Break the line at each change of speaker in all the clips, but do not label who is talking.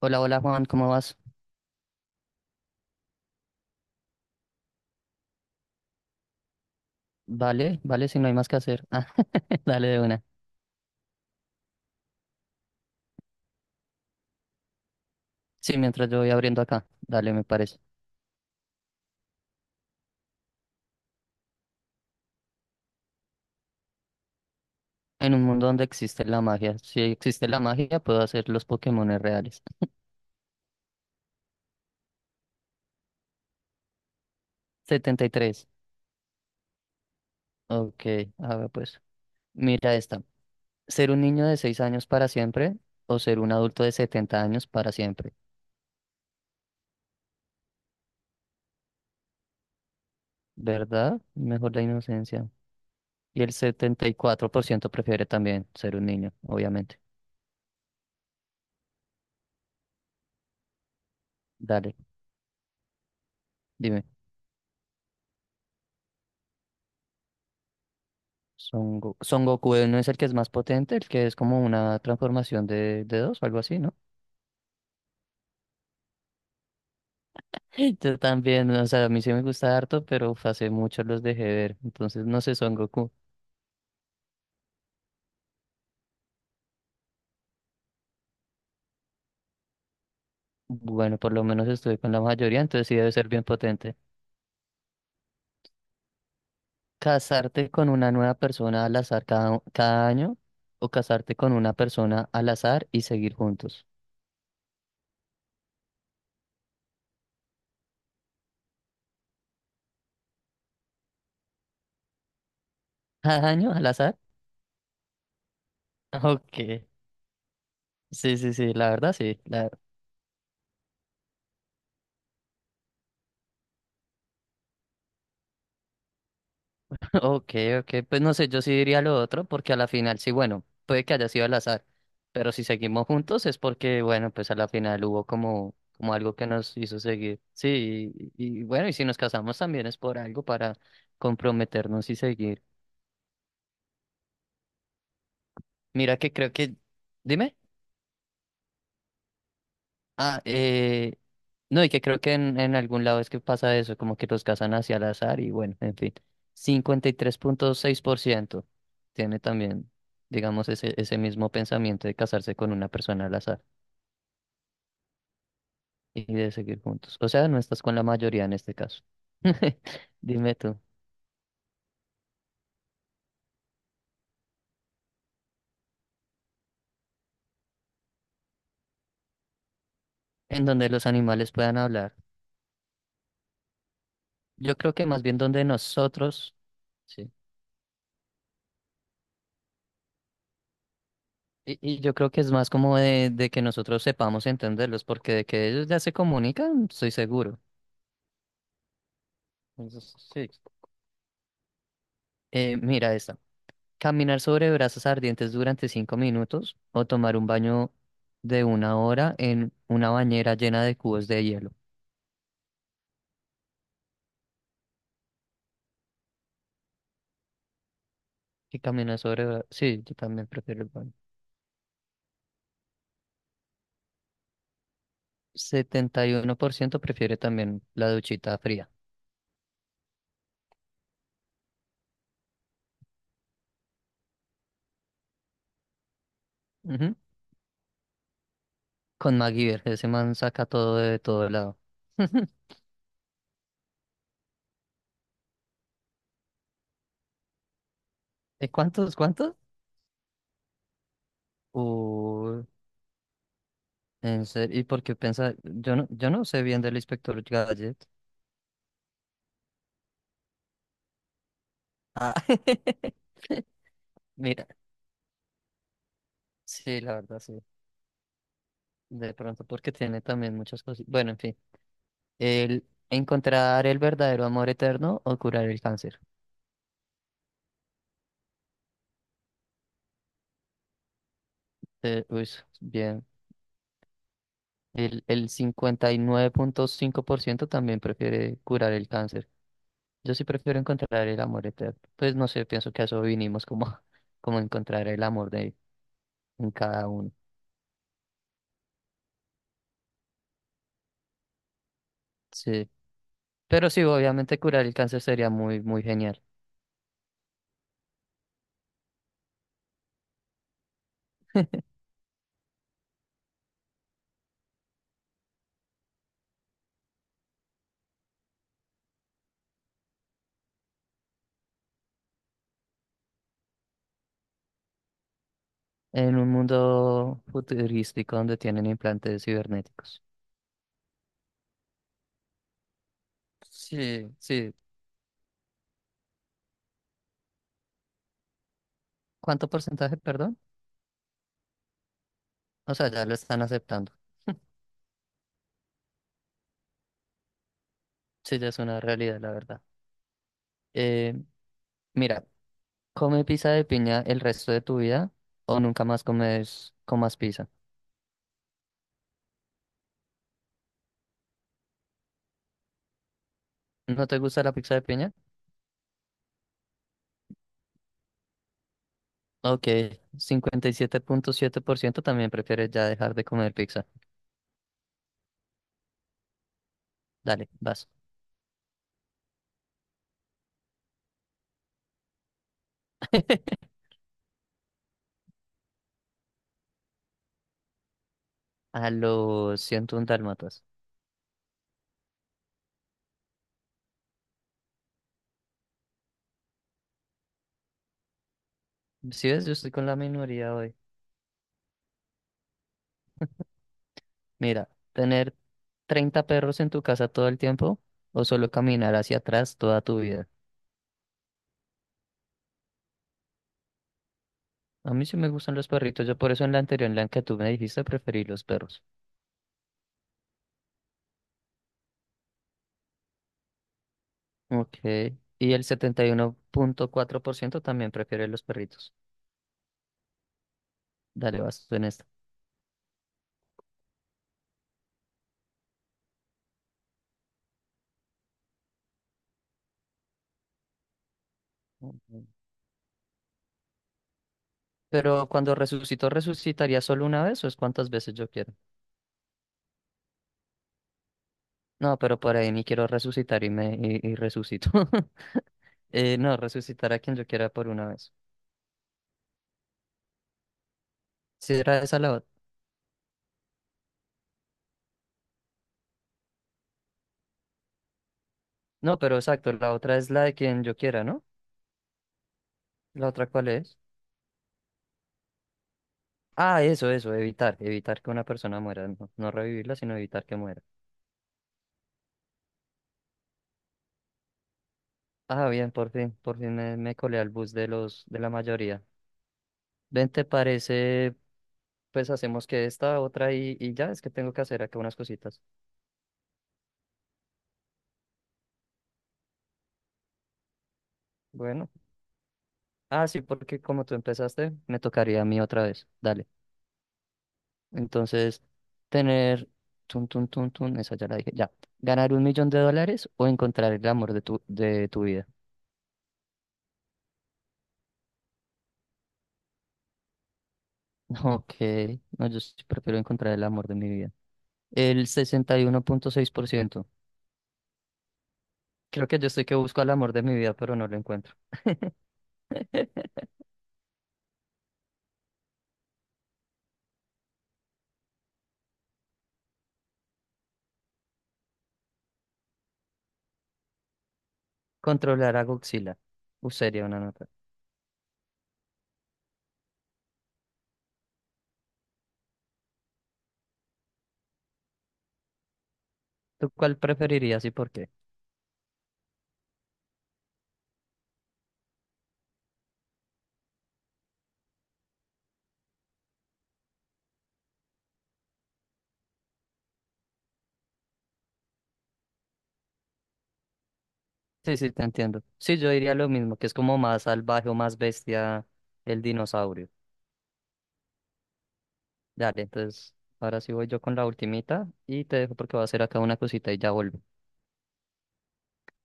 Hola, hola Juan, ¿cómo vas? Vale, vale, si no hay más que hacer. Dale de una. Sí, mientras yo voy abriendo acá, dale, me parece. En un mundo donde existe la magia. Si existe la magia, puedo hacer los Pokémones reales. 73. Ok, a ver pues. Mira esta. ¿Ser un niño de 6 años para siempre o ser un adulto de setenta años para siempre? ¿Verdad? Mejor la inocencia. Y el 74% prefiere también ser un niño, obviamente. Dale, dime. Son, Son Goku, no es el que es más potente, el que es como una transformación de dos o algo así, ¿no? Yo también, o sea, a mí sí me gusta harto, pero uf, hace mucho los dejé ver. Entonces, no sé, Son Goku. Bueno, por lo menos estuve con la mayoría, entonces sí debe ser bien potente. Casarte con una nueva persona al azar cada año o casarte con una persona al azar y seguir juntos. ¿Cada año al azar? Ok. Sí, sí, sí, la verdad sí. La ok, ok, pues no sé, yo sí diría lo otro, porque a la final sí, bueno, puede que haya sido al azar, pero si seguimos juntos es porque, bueno, pues a la final hubo como, como algo que nos hizo seguir. Sí, y bueno, y si nos casamos también es por algo para comprometernos y seguir. Mira que creo que, dime. Ah, eh, no, y que creo que en algún lado es que pasa eso, como que los casan hacia al azar y bueno, en fin. 53.6% tiene también, digamos, ese mismo pensamiento de casarse con una persona al azar y de seguir juntos. O sea, no estás con la mayoría en este caso. Dime tú, en donde los animales puedan hablar. Yo creo que más bien donde nosotros, sí. Y yo creo que es más como de que nosotros sepamos entenderlos, porque de que ellos ya se comunican, estoy seguro. Entonces, sí. Mira esta. Caminar sobre brasas ardientes durante cinco minutos o tomar un baño de una hora en una bañera llena de cubos de hielo. Y caminar sobre sí, yo también prefiero el baño. 71% prefiere también la duchita fría. Ujú. Con MacGyver, ese man saca todo de todo lado. ¿Y cuántos? ¿Cuántos? Uy, en serio. ¿Y por qué pensa? Yo no sé bien del inspector Gadget. Ah. Mira, sí, la verdad, sí. De pronto porque tiene también muchas cosas. Bueno, en fin. El encontrar el verdadero amor eterno o curar el cáncer. Eh, uy, bien. El 59.5% también prefiere curar el cáncer. Yo sí prefiero encontrar el amor eterno. Pues no sé, pienso que a eso vinimos como, como encontrar el amor de en cada uno. Sí. Pero sí, obviamente curar el cáncer sería muy, muy genial. En un mundo futurístico donde tienen implantes cibernéticos. Sí, sí, ¿cuánto porcentaje, perdón? O sea, ya lo están aceptando. Sí, ya es una realidad, la verdad. Eh, mira, come pizza de piña el resto de tu vida o nunca más comas pizza. ¿No te gusta la pizza de piña? Ok, 57.7% también prefiere ya dejar de comer pizza. Dale, vas. A los 101 dálmatas. Si ves, yo estoy con la minoría hoy. Mira, tener 30 perros en tu casa todo el tiempo o solo caminar hacia atrás toda tu vida. A mí sí me gustan los perritos. Yo por eso en la anterior, en la que tú me dijiste, preferí los perros. Ok. Y el 71.4% también prefiere los perritos. Dale, vas tú en esta. Ujú. Pero cuando resucito, ¿resucitaría solo una vez o es cuántas veces yo quiero? No, pero por ahí ni quiero resucitar y resucito. No, resucitar a quien yo quiera por una vez. Si era esa la otra. No, pero exacto, la otra es la de quien yo quiera, ¿no? ¿La otra cuál es? Ah, eso, evitar, evitar que una persona muera, no, no revivirla, sino evitar que muera. Ah, bien, por fin me colé al bus de los, de la mayoría. Ven, ¿te parece? Pues hacemos que esta, otra y ya, es que tengo que hacer acá unas cositas. Bueno. Ah, sí, porque como tú empezaste, me tocaría a mí otra vez. Dale. Entonces, tener, tun, tun, tun, tun, esa ya la dije, ya. ¿Ganar un millón de dólares o encontrar el amor de de tu vida? Ok, no, yo sí prefiero encontrar el amor de mi vida. El 61.6%. Creo que yo estoy que busco el amor de mi vida, pero no lo encuentro. Controlar a Godzilla. Sería una nota. ¿Tú cuál preferirías y por qué? Sí, sí, te entiendo. Sí, yo diría lo mismo, que es como más salvaje o más bestia el dinosaurio. Dale, entonces, ahora sí voy yo con la ultimita y te dejo porque voy a hacer acá una cosita y ya vuelvo.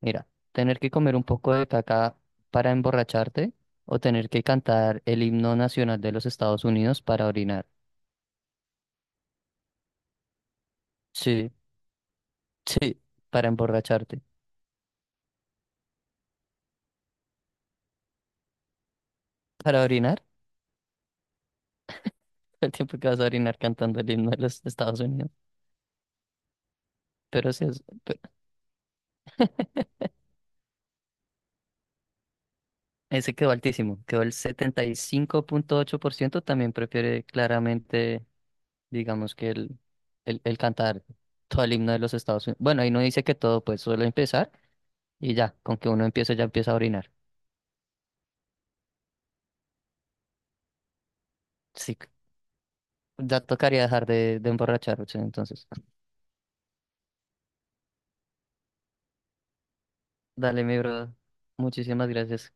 Mira, tener que comer un poco de caca para emborracharte o tener que cantar el himno nacional de los Estados Unidos para orinar. Sí, sí, para emborracharte. ¿Para orinar? El tiempo que vas a orinar cantando el himno de los Estados Unidos. Pero sí, ese quedó altísimo, quedó el 75.8% también prefiere claramente, digamos que el cantar todo el himno de los Estados Unidos. Bueno, ahí no dice que todo, pues solo empezar y ya, con que uno empiece ya empieza a orinar. Sí, ya tocaría dejar de emborracharse entonces. Dale, mi bro, muchísimas gracias.